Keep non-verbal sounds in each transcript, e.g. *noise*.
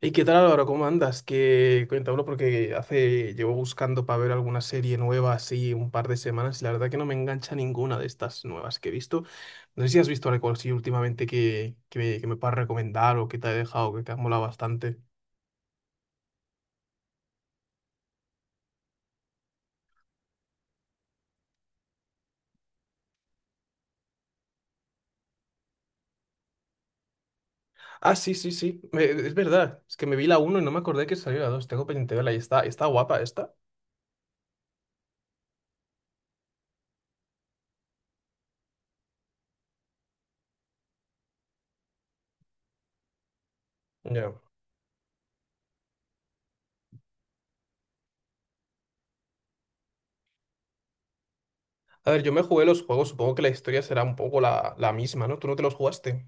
¿Y qué tal, Álvaro? ¿Cómo andas? Que cuéntamelo porque hace llevo buscando para ver alguna serie nueva así un par de semanas y la verdad que no me engancha ninguna de estas nuevas que he visto. No sé si has visto algo así últimamente que me puedas recomendar o que te ha dejado, que te ha molado bastante. Ah, sí, sí, sí. Es verdad. Es que me vi la uno y no me acordé que salió la dos. Tengo pendiente de verla y está guapa esta. Ya. A ver, yo me jugué los juegos. Supongo que la historia será un poco la misma, ¿no? ¿Tú no te los jugaste?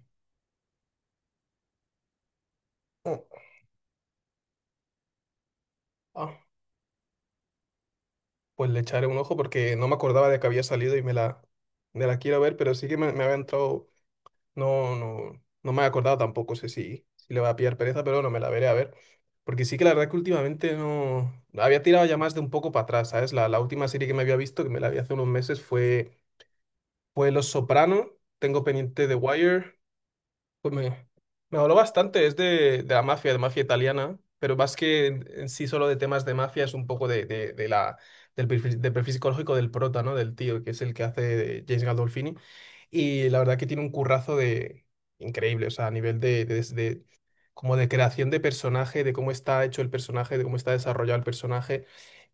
Mm. Ah. Pues le echaré un ojo porque no me acordaba de que había salido y me la quiero ver, pero sí que me había entrado, no me he acordado tampoco, sé si, si le va a pillar pereza, pero no me la veré a ver. Porque sí que la verdad que últimamente no, había tirado ya más de un poco para atrás, ¿sabes? La última serie que me había visto, que me la vi hace unos meses, fue Los Soprano, tengo pendiente The Wire, pues me, me habló bastante, es de la mafia, de mafia italiana, pero más que en sí solo de temas de mafia, es un poco de la, del perfil psicológico del prota, ¿no? Del tío, que es el que hace de James Gandolfini. Y la verdad que tiene un currazo de increíble, o sea, a nivel como de creación de personaje, de cómo está hecho el personaje, de cómo está desarrollado el personaje.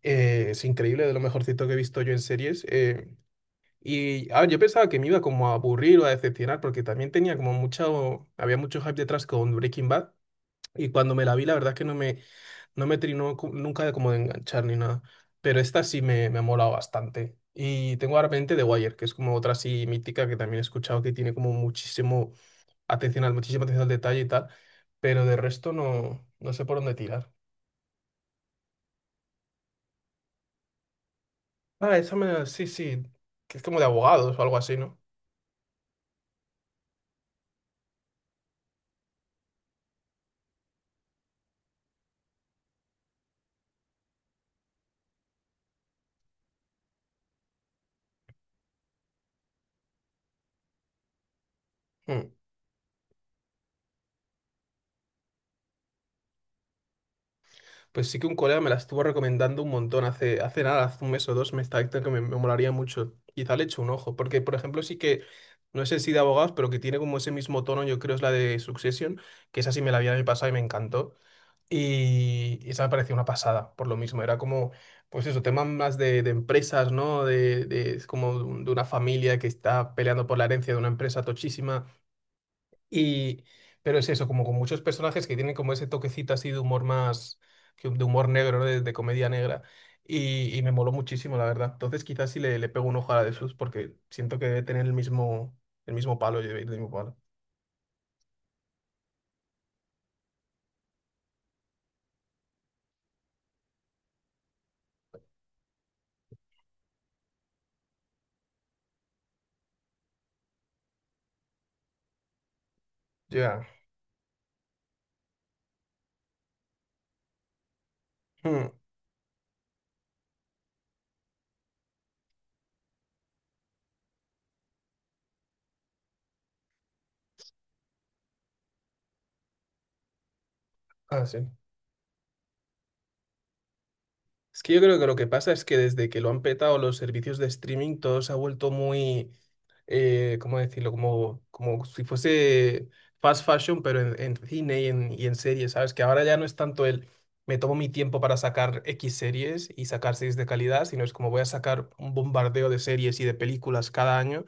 Es increíble, de lo mejorcito que he visto yo en series. Y a ver, yo pensaba que me iba como a aburrir o a decepcionar porque también tenía como mucho, había mucho hype detrás con Breaking Bad, y cuando me la vi la verdad es que no me trinó nunca de como de enganchar ni nada, pero esta sí me ha molado bastante. Y tengo ahora pendiente The Wire, que es como otra así mítica que también he escuchado que tiene como muchísimo atención al, muchísima atención al detalle y tal, pero de resto no, no sé por dónde tirar. Ah, esa sí, sí, que es como de abogados o algo así, ¿no? Mm. Pues sí que un colega me la estuvo recomendando un montón hace nada, hace un mes o dos, me está diciendo que me molaría mucho. Quizá le echo un ojo, porque por ejemplo sí que, no sé si de abogados, pero que tiene como ese mismo tono, yo creo es la de Succession, que esa sí me la vi el año pasado y me encantó. Y esa me pareció una pasada, por lo mismo, era como, pues eso, temas más de empresas, ¿no? Es como de una familia que está peleando por la herencia de una empresa tochísima y, pero es eso, como con muchos personajes que tienen como ese toquecito así de humor más, de humor negro, ¿no? De comedia negra. Y me moló muchísimo, la verdad. Entonces quizás sí le pego un ojo a la de Sus porque siento que debe tener el mismo palo, el mismo palo. Ya. Mm. Ah, sí. Es que yo creo que lo que pasa es que desde que lo han petado los servicios de streaming, todo se ha vuelto muy, ¿cómo decirlo? Como, como si fuese fast fashion, pero en cine y en series, ¿sabes? Que ahora ya no es tanto el me tomo mi tiempo para sacar X series y sacar series de calidad, sino es como voy a sacar un bombardeo de series y de películas cada año,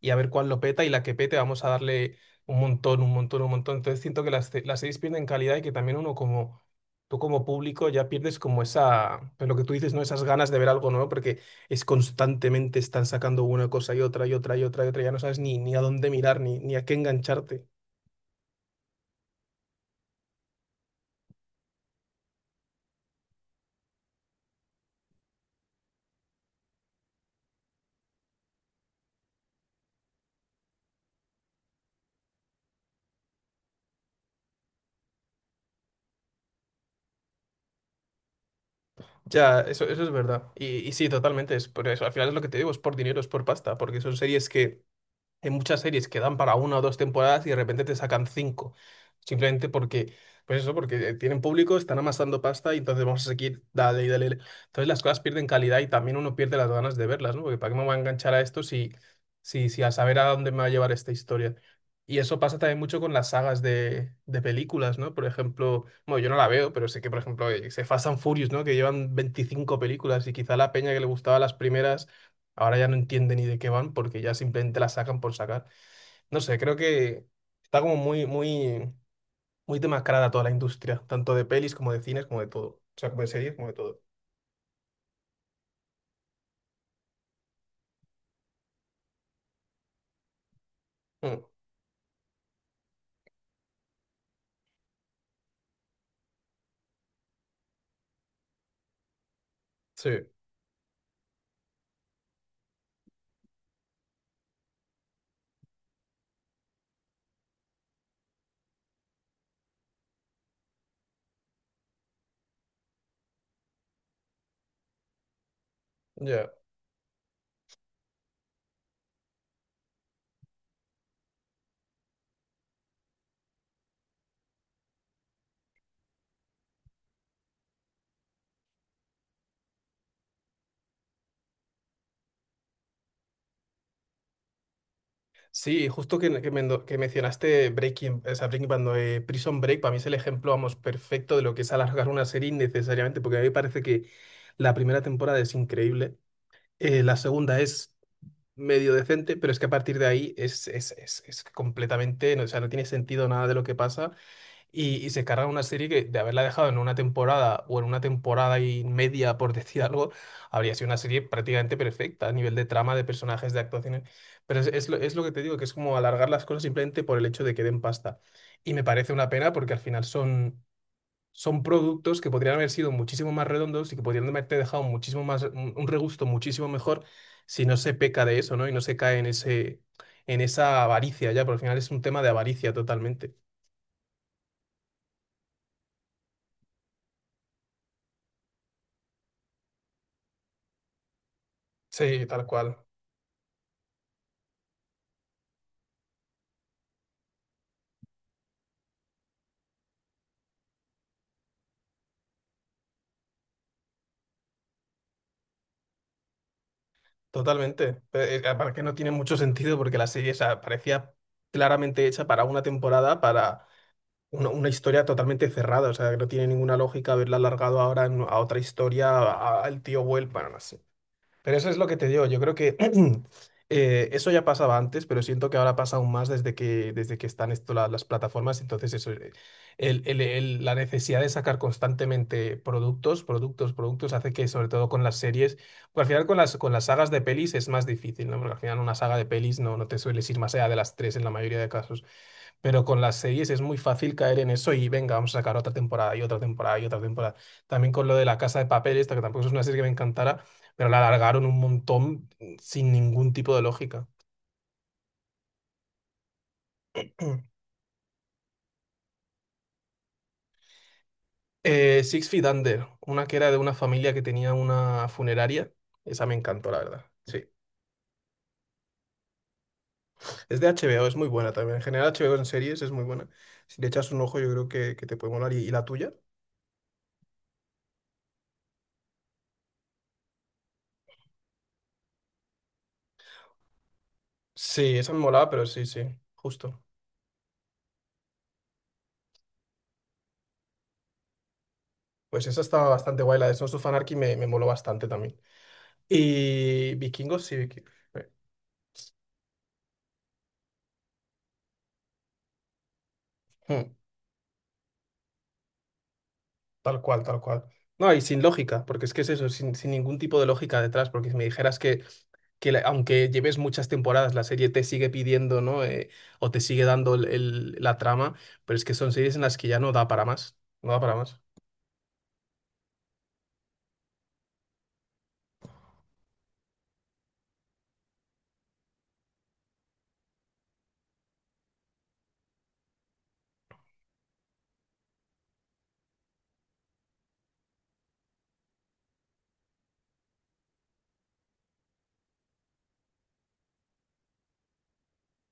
y a ver cuál lo peta y la que pete vamos a darle un montón, un montón, un montón. Entonces siento que las series pierden calidad y que también uno como tú como público ya pierdes como esa, pues lo que tú dices, ¿no? Esas ganas de ver algo nuevo porque es constantemente están sacando una cosa y otra y otra y otra y otra, ya no sabes ni a dónde mirar ni a qué engancharte. Ya, eso es verdad. Y sí, totalmente, es por eso. Al final es lo que te digo, es por dinero, es por pasta, porque son series que... Hay muchas series que dan para una o dos temporadas y de repente te sacan cinco. Simplemente porque, pues eso, porque tienen público, están amasando pasta y entonces vamos a seguir, dale y dale. Entonces las cosas pierden calidad y también uno pierde las ganas de verlas, ¿no? Porque ¿para qué me voy a enganchar a esto si a saber a dónde me va a llevar esta historia? Y eso pasa también mucho con las sagas de películas, ¿no? Por ejemplo, bueno, yo no la veo, pero sé que, por ejemplo, se Fast and Furious, ¿no? Que llevan 25 películas y quizá la peña que le gustaba las primeras, ahora ya no entiende ni de qué van porque ya simplemente la sacan por sacar. No sé, creo que está como muy demascarada toda la industria, tanto de pelis como de cines, como de todo. O sea, como de series, como de todo. Mm, sí, ya. Sí, justo que mencionaste Breaking, o sea, Breaking Bad, no, Prison Break, para mí es el ejemplo, vamos, perfecto de lo que es alargar una serie innecesariamente, porque a mí me parece que la primera temporada es increíble. La segunda es medio decente, pero es que a partir de ahí es completamente, no, o sea, no tiene sentido nada de lo que pasa y se carga una serie que de haberla dejado en una temporada o en una temporada y media, por *laughs* decir algo, habría sido una serie prácticamente perfecta a nivel de trama, de personajes, de actuaciones, pero es lo que te digo, que es como alargar las cosas simplemente por el hecho de que den pasta. Y me parece una pena porque al final son son productos que podrían haber sido muchísimo más redondos y que podrían haberte dejado muchísimo más, un regusto muchísimo mejor si no se peca de eso, ¿no? Y no se cae en ese, en esa avaricia ya, porque al final es un tema de avaricia totalmente. Sí, tal cual, totalmente. Aparte que no tiene mucho sentido porque la serie, o sea, parecía claramente hecha para una temporada, para una historia totalmente cerrada, o sea, que no tiene ninguna lógica haberla alargado ahora a otra historia, al tío vuelva. Pero eso es lo que te digo. Yo creo que *clears throat* eso ya pasaba antes, pero siento que ahora pasa aún más desde que están esto, las plataformas. Entonces, eso, la necesidad de sacar constantemente productos, productos, productos, hace que, sobre todo con las series, pues al final con con las sagas de pelis es más difícil, ¿no? Porque al final una saga de pelis no, no te sueles ir más allá de las tres en la mayoría de casos. Pero con las series es muy fácil caer en eso y venga, vamos a sacar otra temporada y otra temporada y otra temporada. También con lo de La Casa de Papel, esta que tampoco es una serie que me encantara, pero la alargaron un montón sin ningún tipo de lógica. *clears throat* Six Feet Under, una que era de una familia que tenía una funeraria. Esa me encantó, la verdad. Sí. Es de HBO, es muy buena también. En general, HBO en series es muy buena. Si le echas un ojo, yo creo que te puede molar. Y la tuya? Sí, esa me molaba, pero sí, sí, justo. Pues esa estaba bastante guay. La de Sons of Anarchy me moló bastante también. Y Vikingos, sí, Vikingos. Tal cual, tal cual. No, y sin lógica, porque es que es eso, sin ningún tipo de lógica detrás, porque si me dijeras que aunque lleves muchas temporadas, la serie te sigue pidiendo, ¿no? O te sigue dando la trama, pero es que son series en las que ya no da para más, no da para más.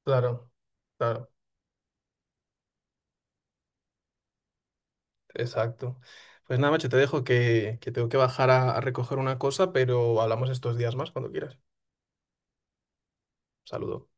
Claro, claro, exacto. Pues nada, macho, te dejo que tengo que bajar a recoger una cosa, pero hablamos estos días más cuando quieras. Saludo.